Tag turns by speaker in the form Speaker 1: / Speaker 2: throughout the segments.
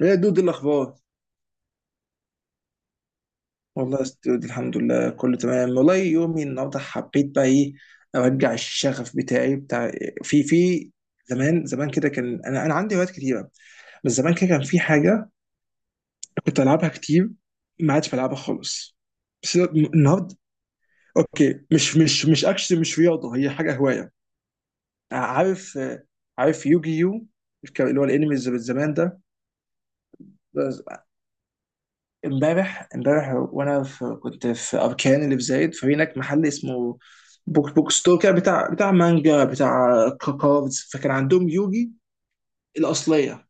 Speaker 1: ايه يا دود، إيه الاخبار؟ والله يا ست دود، الحمد لله كله تمام. والله يومي النهارده حبيت بقى ايه، ارجع الشغف بتاعي بتاع. في زمان زمان كده كان انا عندي هوايات كتيره. بس زمان كده كان في حاجه كنت العبها كتير، ما عادش بلعبها خالص. بس النهارده، اوكي، مش اكشن، مش رياضه، هي حاجه هوايه. عارف، يوجي يو؟ اللي هو الانمي زمان ده. امبارح وانا كنت في اركان اللي في زايد، ففي هناك محل اسمه بوك بوك ستور كده، بتاع مانجا بتاع كاردز. فكان عندهم يوجي الاصليه،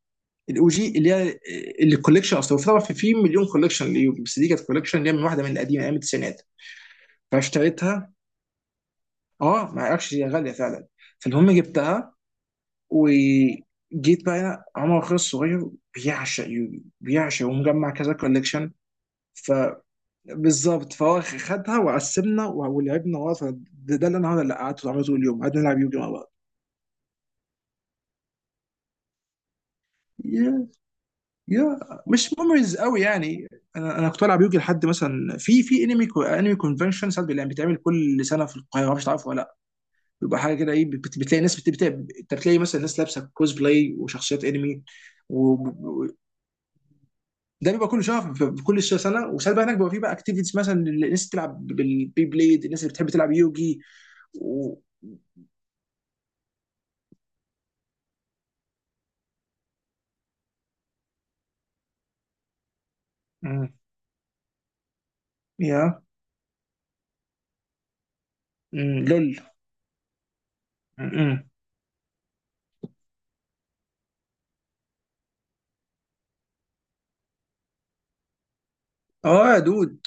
Speaker 1: الاو جي، اللي هي الكوليكشن اصلا. وفي طبعا في مليون كوليكشن ليوجي، بس دي كانت كوليكشن اللي هي من واحده من القديمه، ايام التسعينات. فاشتريتها، اه، ما اعرفش، هي غاليه فعلا. فالمهم جبتها وجيت بقى هنا. عمر اخويا الصغير بيعشق يوجي بيعشق، ومجمع كذا كوليكشن. بالظبط، فهو خدها وقسمنا ولعبنا ورا ده اللي اللي قعدت العب طول اليوم. قعدنا نلعب يوجي مع بعض. يا، يا مش ميموريز قوي يعني. انا كنت بلعب يوجي لحد مثلا في انمي انمي كونفنشن. ساعات بيتعمل كل سنه في القاهره، مش تعرفه ولا لا؟ بيبقى حاجه كده، ايه، بتلاقي ناس انت بتلاقي مثلا ناس لابسه كوز بلاي وشخصيات انمي. وده بيبقى كل شهر في كل سنه، وساعات بقى هناك بيبقى في بقى اكتيفيتيز. مثلا الناس بتلعب بالبي بليد، الناس اللي بتحب تلعب يوجي و. مم. يا. مم، لول. مم. اه يا دود،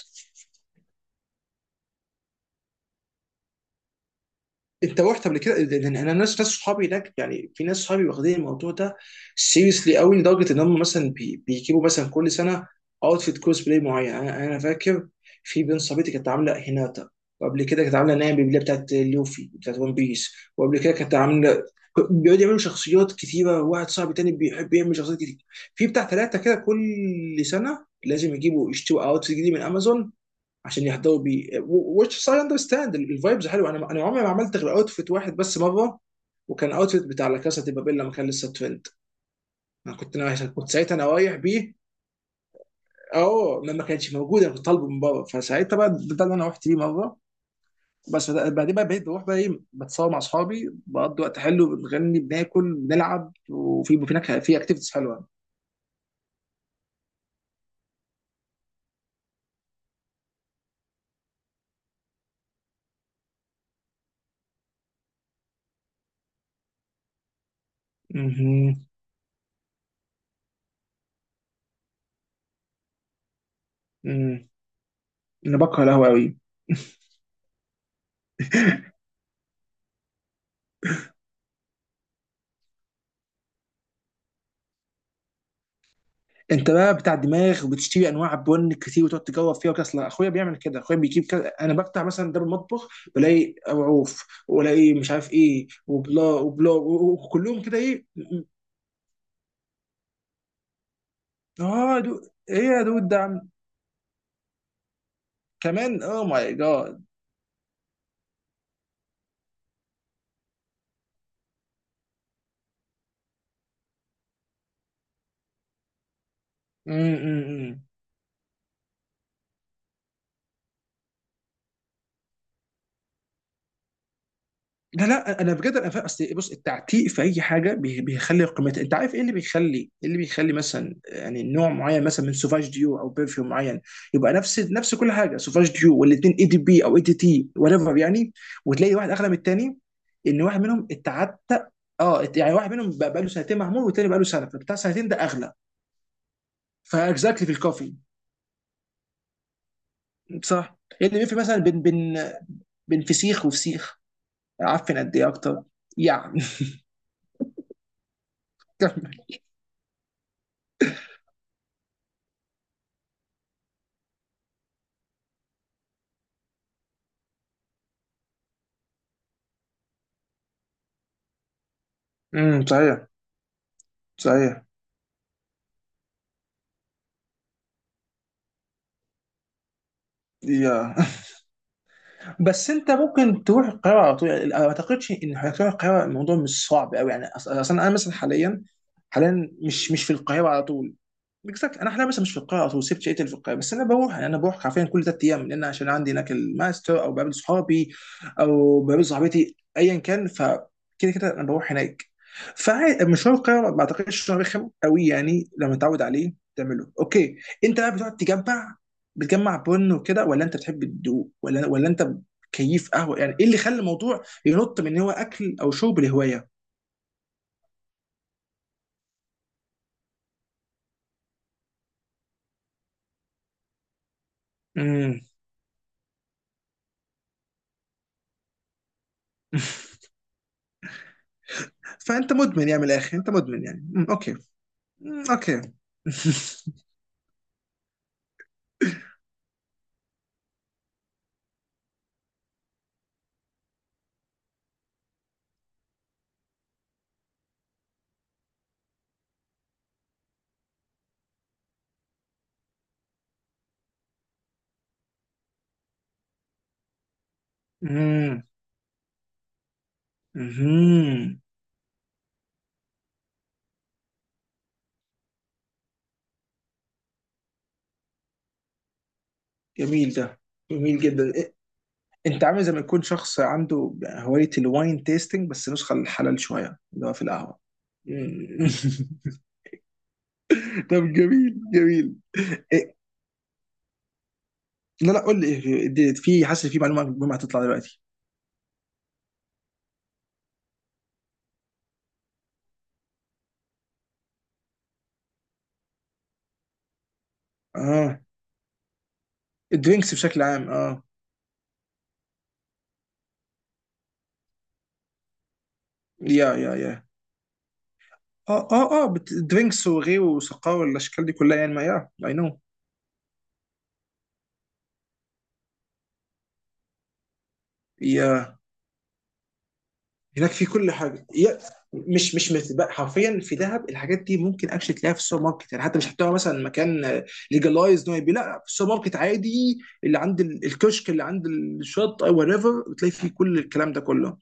Speaker 1: انت رحت قبل كده؟ لان انا ناس صحابي هناك، يعني في ناس صحابي واخدين الموضوع ده سيريسلي قوي، لدرجه ان هم مثلا بيجيبوا مثلا كل سنه اوتفيت كوز بلاي معين. انا فاكر في بنت صاحبتي كانت عامله هيناتا، وقبل كده كانت عامله نايم اللي هي بتاعت لوفي بتاعت ون بيس، وقبل كده كانت عامله، بيقعدوا يعملوا شخصيات كتيره. واحد صاحبي تاني بيحب يعمل شخصيات كتير، في بتاع ثلاثه كده كل سنه لازم يجيبوا يشتروا اوتفيت جديد من امازون عشان يهدوا بيه. which I understand، الفايبز حلوه. انا عمري ما عملت غير اوتفيت واحد بس مره، وكان اوتفيت بتاع لا كاسا دي بابيل لما كان لسه ترند. انا كنت ناوي، كنت ساعتها انا رايح بيه، اه، ما كانش موجود، انا كنت طالبه من بره، فساعتها بقى ده اللي انا رحت بيه مره. بس بعدين بقى بقيت بروح بقى، ايه، بتصور مع اصحابي، بقضي وقت حلو، بنغني، بناكل، بنلعب، وفي هناك في اكتيفيتيز حلوه. مهم. مم. انا بكره القهوه قوي. انت بقى بتاع دماغ وبتشتري انواع بن كتير وتقعد تجوب فيها وكده. اصل اخويا بيعمل كده، اخويا بيجيب كده، انا بفتح مثلا ده المطبخ بلاقي عوف والاقي مش عارف ايه وبلا وبلا، وكلهم كده، ايه. اه، ايه يا دود، ده كمان او ماي جاد. لا لا، انا بجد انا فاهم. اصل بص، التعتيق في اي حاجه بيخلي قيمتها، انت عارف ايه اللي بيخلي، إيه اللي بيخلي مثلا يعني نوع معين مثلا من سوفاج ديو او برفيوم معين، يبقى نفس كل حاجه، سوفاج ديو، والاثنين اي دي بي او اي دي تي whatever يعني، وتلاقي واحد اغلى من الثاني، ان واحد منهم اتعتق. اه، يعني واحد منهم بقى له سنتين معمول والتاني بقى له سنه، فبتاع سنتين ده اغلى. فاكزاكتلي في الكوفي. صح، إيه اللي بيفرق مثلا بين بين فسيخ وفسيخ عفن قد ايه اكتر يعني. كمل. امم، صحيح. صحيح، يا. بس انت ممكن تروح القاهره على طول يعني، ما اعتقدش ان حضرتك تروح القاهره، الموضوع مش صعب قوي يعني. اصلا انا مثلا حاليا، حاليا مش في القاهره على طول. بالظبط، انا حاليا بس مش في القاهره، او سبت شقتي اللي في القاهره، بس انا بروح يعني، انا بروح حرفيا كل 3 ايام، لان عشان عندي هناك الماستر، او بقابل صحابي او بقابل صاحبتي ايا كان. فكده كده انا بروح هناك. فمشوار القاهره ما اعتقدش انه رخم قوي يعني، لما تعود عليه تعمله اوكي. انت بقى بتقعد تجمع، بن وكده؟ ولا انت بتحب الدوق؟ ولا انت كيف قهوه يعني؟ ايه اللي خلى الموضوع ينط من إن هو اكل او شرب لهوايه؟ امم. فانت مدمن يعني، من الاخر انت مدمن يعني. أمم، اوكي. مم، اوكي. مم، مهم. جميل ده. جميل جدا، إيه، انت عامل زي ما يكون شخص عنده هواية الواين تيستنج، بس نسخة الحلال شوية، اللي هو في القهوة. مم. طب جميل، إيه لا لا، قول لي إيه، في، حاسس في معلومة مهمة هتطلع دلوقتي. اه، الدرينكس بشكل عام، اه. يا اه الدرينكس وغيره وسقاوة والاشكال دي كلها يعني، ما، يا، اي نو. يا، هناك في كل حاجه، مش مثل بقى، حرفيا في دهب الحاجات دي ممكن اكشلي تلاقيها في السوبر ماركت يعني، حتى مش هتلاقيها مثلا مكان ليجلايز ان هو يبيع. لا، في السوبر ماركت عادي، اللي عند الكشك اللي عند الشط او وات ايفر، بتلاقي فيه كل الكلام ده كله.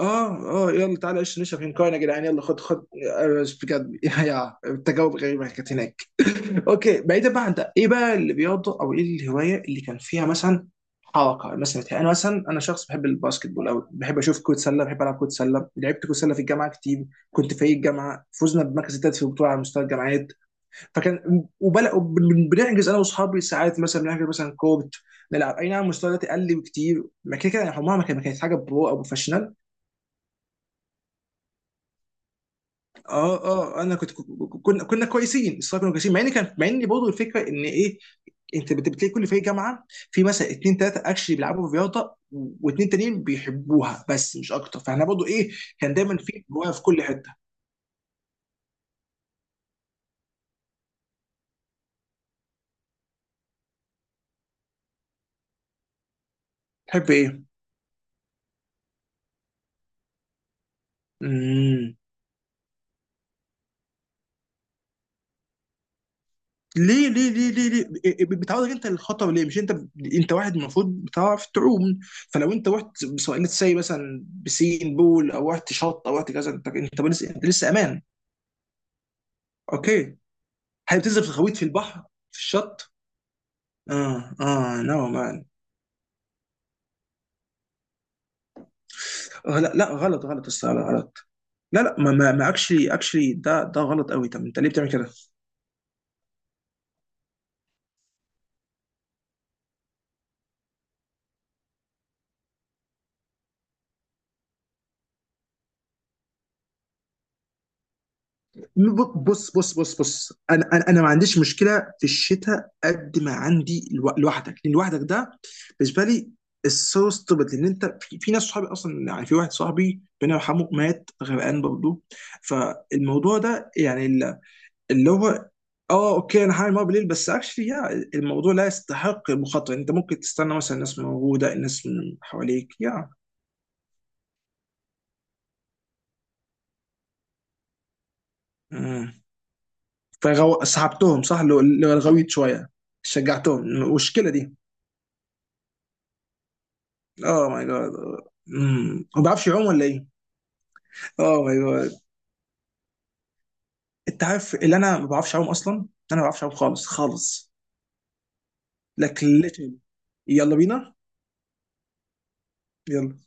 Speaker 1: اه اه يلا تعالى ايش نشرب هنكاين يا جدعان، يلا خد خد. آه، بجد. يا التجاوب غريبه كانت هناك. اوكي، بعيدا بقى عن ده، ايه بقى الرياضه او ايه الهوايه اللي كان فيها مثلا حركه؟ مثلا انا، شخص بحب الباسكت بول، او بحب اشوف كره سله، بحب العب كره سله، لعبت كره سله في الجامعه كتير. كنت فريق الجامعه، فزنا بمركز الثالث في البطوله على مستوى الجامعات. فكان، وبلا، بنحجز انا واصحابي ساعات مثلا، بنحجز مثلا كورت نلعب. اي نعم، مستوى دلوقتي قل بكتير، ما كده كده يعني، عمرها ما كانت حاجه برو او بروفيشنال. اه انا كنت، كنا كويسين، الصراحه كنا كويسين، مع ان كان، مع ان برضه الفكره ان، ايه، انت بتلاقي كل فريق جامعه في مثلا اتنين تلاته اكشلي بيلعبوا في رياضه، واتنين تانيين بيحبوها بس مش اكتر. فاحنا برضه، ايه، كان دايما في جوايا في كل حته. تحب ايه؟ امم. ليه ليه ليه ليه ليه، إيه، بتعرضك انت للخطر ليه مش انت؟ انت واحد المفروض بتعرف تعوم، فلو انت رحت، سواء let's say مثلا بسين بول او رحت شط او رحت كذا، انت لسه، انت لسه امان. اوكي. هي بتنزل في الغويط، في البحر، في الشط. اه نو مان. آه، لا لا، غلط غلط يا اسطى، لا، غلط. لا لا، ما اكشلي، ده غلط قوي. طب انت ليه بتعمل كده؟ بص بص بص بص، انا ما عنديش مشكله في الشتاء قد ما عندي لوحدك. لان لوحدك ده بالنسبه لي السو ستوبد، لان انت في ناس صحابي اصلا. يعني في واحد صاحبي ربنا يرحمه مات غرقان برضه. فالموضوع ده يعني اللي هو، اه، اوكي، انا هعمل مرة بالليل بس اكشلي، يا، الموضوع لا يستحق المخاطره يعني. انت ممكن تستنى مثلا، الناس موجوده، الناس من حواليك، يا. مم. سحبتهم صح لو الغويت شويه. شجعتهم المشكله دي، اه ماي جاد. ما بعرفش اعوم ولا ايه؟ اه ماي جاد، انت عارف اللي انا ما بعرفش اعوم اصلا. انا ما بعرفش اعوم خالص خالص. لكن literally. يلا بينا. يلا.